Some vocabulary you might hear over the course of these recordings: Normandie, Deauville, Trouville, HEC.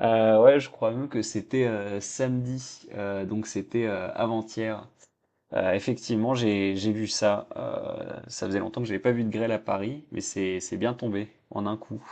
Ouais, je crois même que c'était samedi, donc c'était avant-hier. Effectivement, j'ai vu ça. Ça faisait longtemps que j'avais pas vu de grêle à Paris, mais c'est bien tombé en un coup.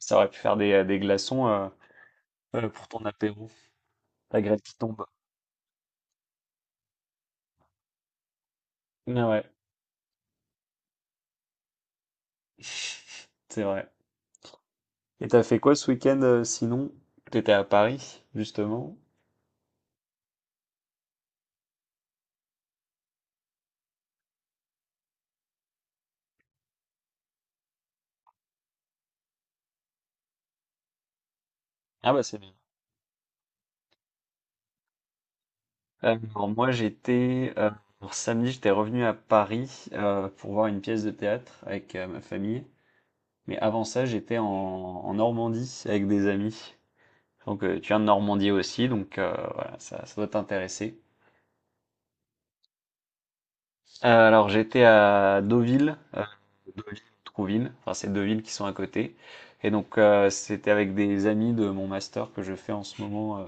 Ça aurait pu faire des glaçons, pour ton apéro. La grêle qui tombe. Ah ouais, c'est vrai. Et t'as fait quoi ce week-end, sinon? T'étais à Paris, justement. Ah bah c'est bien. Alors moi j'étais, samedi j'étais revenu à Paris pour voir une pièce de théâtre avec ma famille. Mais avant ça j'étais en Normandie avec des amis. Donc tu viens de Normandie aussi, donc voilà ça doit t'intéresser. Alors j'étais à Deauville, Deauville, Trouville, enfin c'est deux villes qui sont à côté. Et donc, c'était avec des amis de mon master que je fais en ce moment,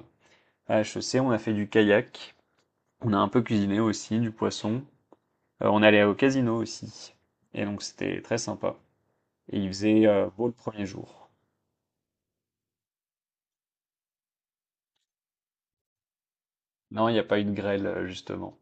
à HEC. On a fait du kayak, on a un peu cuisiné aussi du poisson. On allait au casino aussi. Et donc c'était très sympa. Et il faisait beau le premier jour. Non, il n'y a pas eu de grêle, justement.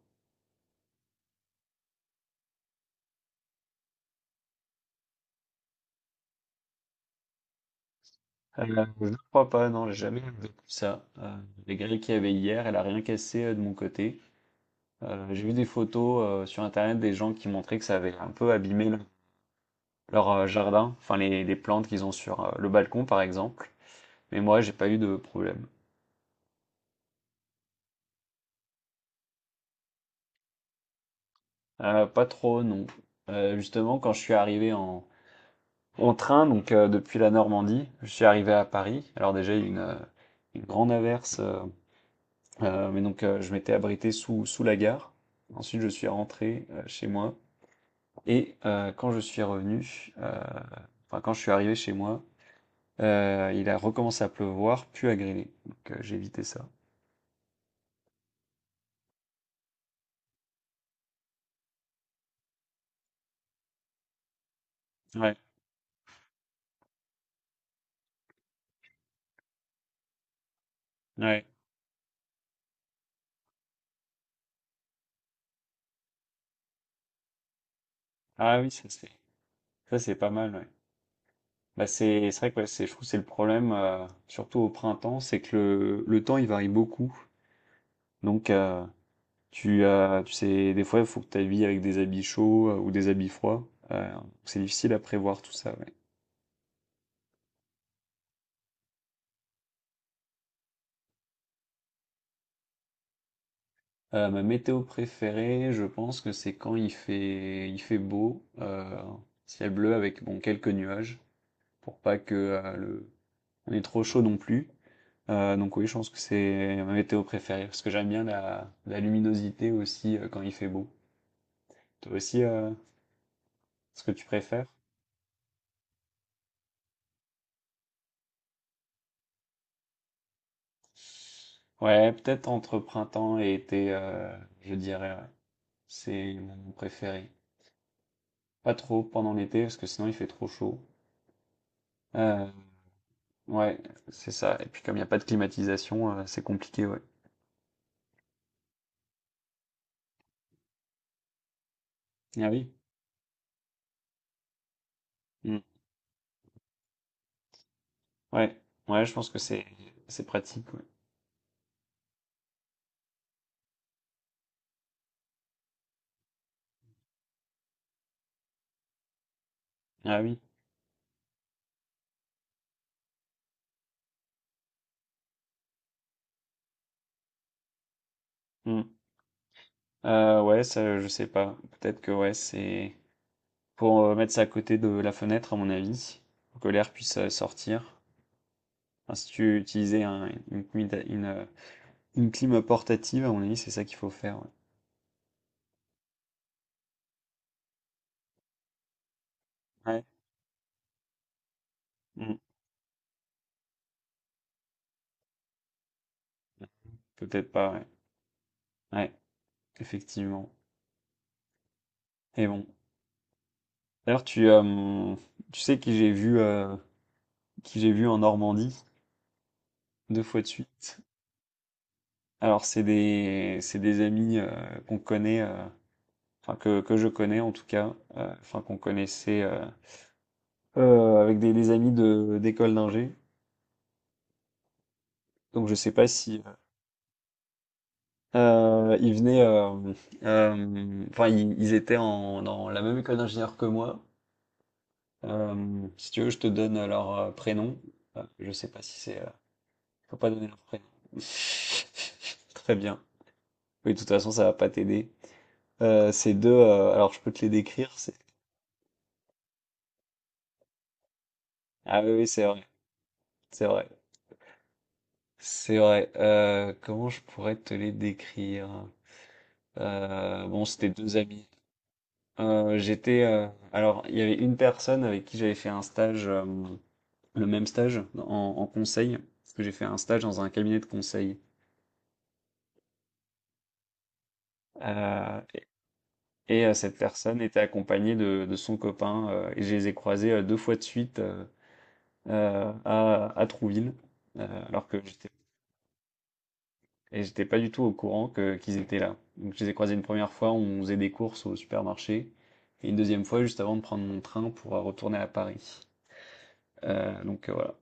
Euh, je ne crois pas, non, j'ai jamais vu ça. Les grêles qu'il y avait hier, elle a rien cassé de mon côté. J'ai vu des photos sur Internet des gens qui montraient que ça avait un peu abîmé leur jardin, enfin les plantes qu'ils ont sur le balcon, par exemple. Mais moi, j'ai pas eu de problème. Pas trop, non. Justement, quand je suis arrivé en train, donc, depuis la Normandie, je suis arrivé à Paris. Alors déjà, il y a eu une grande averse, mais donc je m'étais abrité sous la gare. Ensuite, je suis rentré chez moi. Et quand je suis revenu, enfin quand je suis arrivé chez moi, il a recommencé à pleuvoir, puis à grêler. Donc j'ai évité ça. Ouais, ouais. Ah oui, ça c'est pas mal, ouais. Bah c'est vrai que ouais, c'est je trouve que c'est le problème, surtout au printemps, c'est que le temps il varie beaucoup. Donc tu as, tu sais, des fois, il faut que tu habilles avec des habits chauds, ou des habits froids. C'est difficile à prévoir tout ça, ouais. Ma météo préférée, je pense que c'est quand il fait beau, ciel bleu avec bon quelques nuages, pour pas que on ait trop chaud non plus. Donc oui, je pense que c'est ma météo préférée parce que j'aime bien la luminosité aussi, quand il fait beau. Toi aussi, ce que tu préfères? Ouais, peut-être entre printemps et été, je dirais. Ouais. C'est mon préféré. Pas trop pendant l'été parce que sinon il fait trop chaud. Euh, ouais, c'est ça. Et puis comme il n'y a pas de climatisation, c'est compliqué, ouais. Ah oui. Mm. Ouais, ouais, je pense que c'est pratique. Ouais. Ah oui. Mm. Ouais, ça, je sais pas. Peut-être que ouais, c'est pour, mettre ça à côté de la fenêtre à mon avis, pour que l'air puisse sortir. Enfin, si tu utilisais une clim portative, à mon avis, c'est ça qu'il faut faire. Ouais. Ouais. Mm. Peut-être pas. Ouais. Ouais. Effectivement. Et bon. D'ailleurs, tu sais qui j'ai vu, en Normandie deux fois de suite. Alors, c'est des amis, qu'on connaît, enfin que je connais en tout cas, enfin qu'on connaissait, avec des amis de d'école d'ingé. Donc, je sais pas si, ils venaient, enfin ils étaient dans la même école d'ingénieur que moi. Si tu veux, je te donne leur prénom. Je sais pas si c'est, faut pas donner leur prénom. Très bien. Oui, de toute façon, ça va pas t'aider. Ces deux, alors je peux te les décrire. Ah oui, oui, c'est vrai, c'est vrai, c'est vrai. Comment je pourrais te les décrire? Bon, c'était deux amis. Euh, j'étais, euh, alors il y avait une personne avec qui j'avais fait un stage, le même stage en conseil, parce que j'ai fait un stage dans un cabinet de conseil. Euh, et cette personne était accompagnée de son copain, et je les ai croisés deux fois de suite, à Trouville, alors que j'étais pas du tout au courant que qu'ils étaient là. Donc je les ai croisés une première fois, on faisait des courses au supermarché, et une deuxième fois juste avant de prendre mon train pour retourner à Paris. Donc, voilà,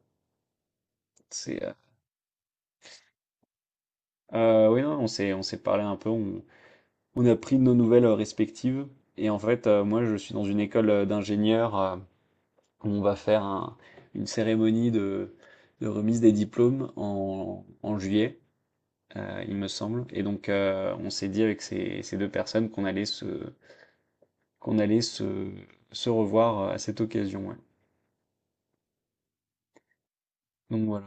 c'est, oui non, on s'est parlé un peu, on a pris nos nouvelles respectives, et en fait, moi je suis dans une école, d'ingénieurs, où on va faire une cérémonie de remise des diplômes en juillet. Il me semble, et donc on s'est dit avec ces 2 personnes qu'on allait se revoir, à cette occasion, ouais. Donc voilà.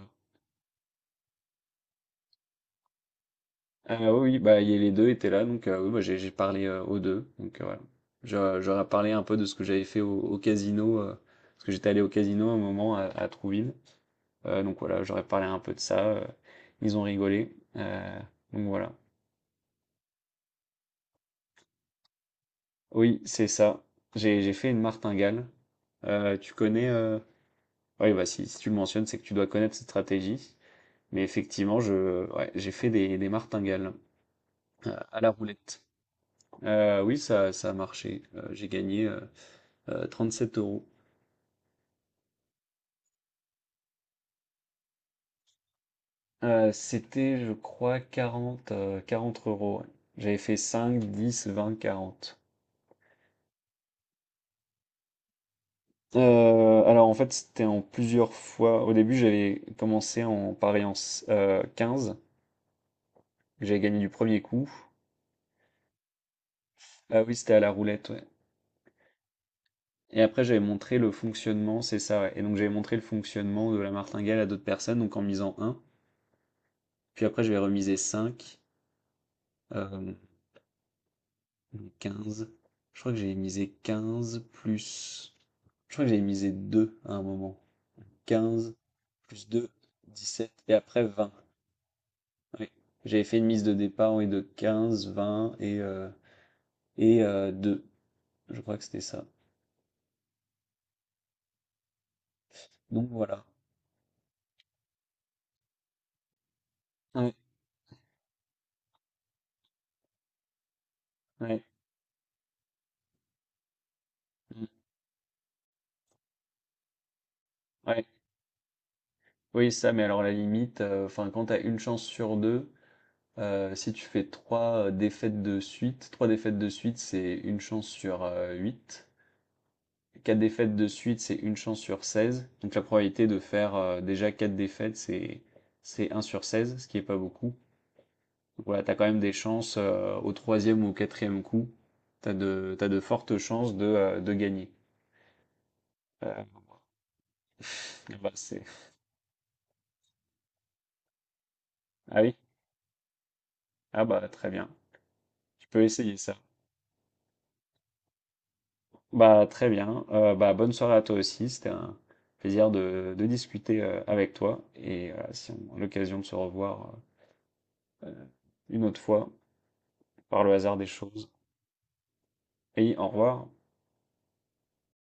Oui, oui, bah, il y les 2 étaient là, donc oui, bah, j'ai parlé, aux deux, donc voilà. Je parlé un peu de ce que j'avais fait au casino, parce que j'étais allé au casino un moment à Trouville, donc voilà, j'aurais parlé un peu de ça, ils ont rigolé, donc voilà. Oui, c'est ça. J'ai fait une martingale. Tu connais? Oui, bah, si tu le mentionnes, c'est que tu dois connaître cette stratégie. Mais effectivement, je, ouais, j'ai fait des martingales à la roulette. Oui, ça a marché. J'ai gagné 37 euros. C'était, je crois, 40, 40 euros. Ouais. J'avais fait 5, 10, 20, 40. Alors en fait, c'était en plusieurs fois. Au début, j'avais commencé en pariant 15, que j'avais gagné du premier coup. Ah oui, c'était à la roulette, ouais. Et après, j'avais montré le fonctionnement, c'est ça, ouais. Et donc, j'avais montré le fonctionnement de la martingale à d'autres personnes, donc en misant un. Puis après, j'avais remisé cinq, euh, 15. Je crois que j'avais misé 15 plus. Je crois que j'avais misé 2 à un moment. Quinze plus deux, 17. Et après, 20. Ouais. J'avais fait une mise de départ, oui, de 15, 20 et 2. Je crois que c'était ça. Donc, voilà. Ouais, ouais, mm, ouais. Oui, ça, mais alors la limite, enfin, quand t'as une chance sur deux. Si tu fais 3 défaites de suite, 3 défaites de suite, c'est une chance sur, 8. 4 défaites de suite, c'est une chance sur 16. Donc la probabilité de faire, déjà 4 défaites, c'est un sur 16, ce qui est pas beaucoup. Donc voilà, t'as quand même des chances, au troisième ou au quatrième coup. T'as de fortes chances de gagner. Heu, bah, c'est ah oui? Ah bah, très bien. Tu peux essayer ça. Bah, très bien. Bah, bonne soirée à toi aussi. C'était un plaisir de discuter avec toi. Et si on a l'occasion de se revoir euh, une autre fois, par le hasard des choses. Et au revoir.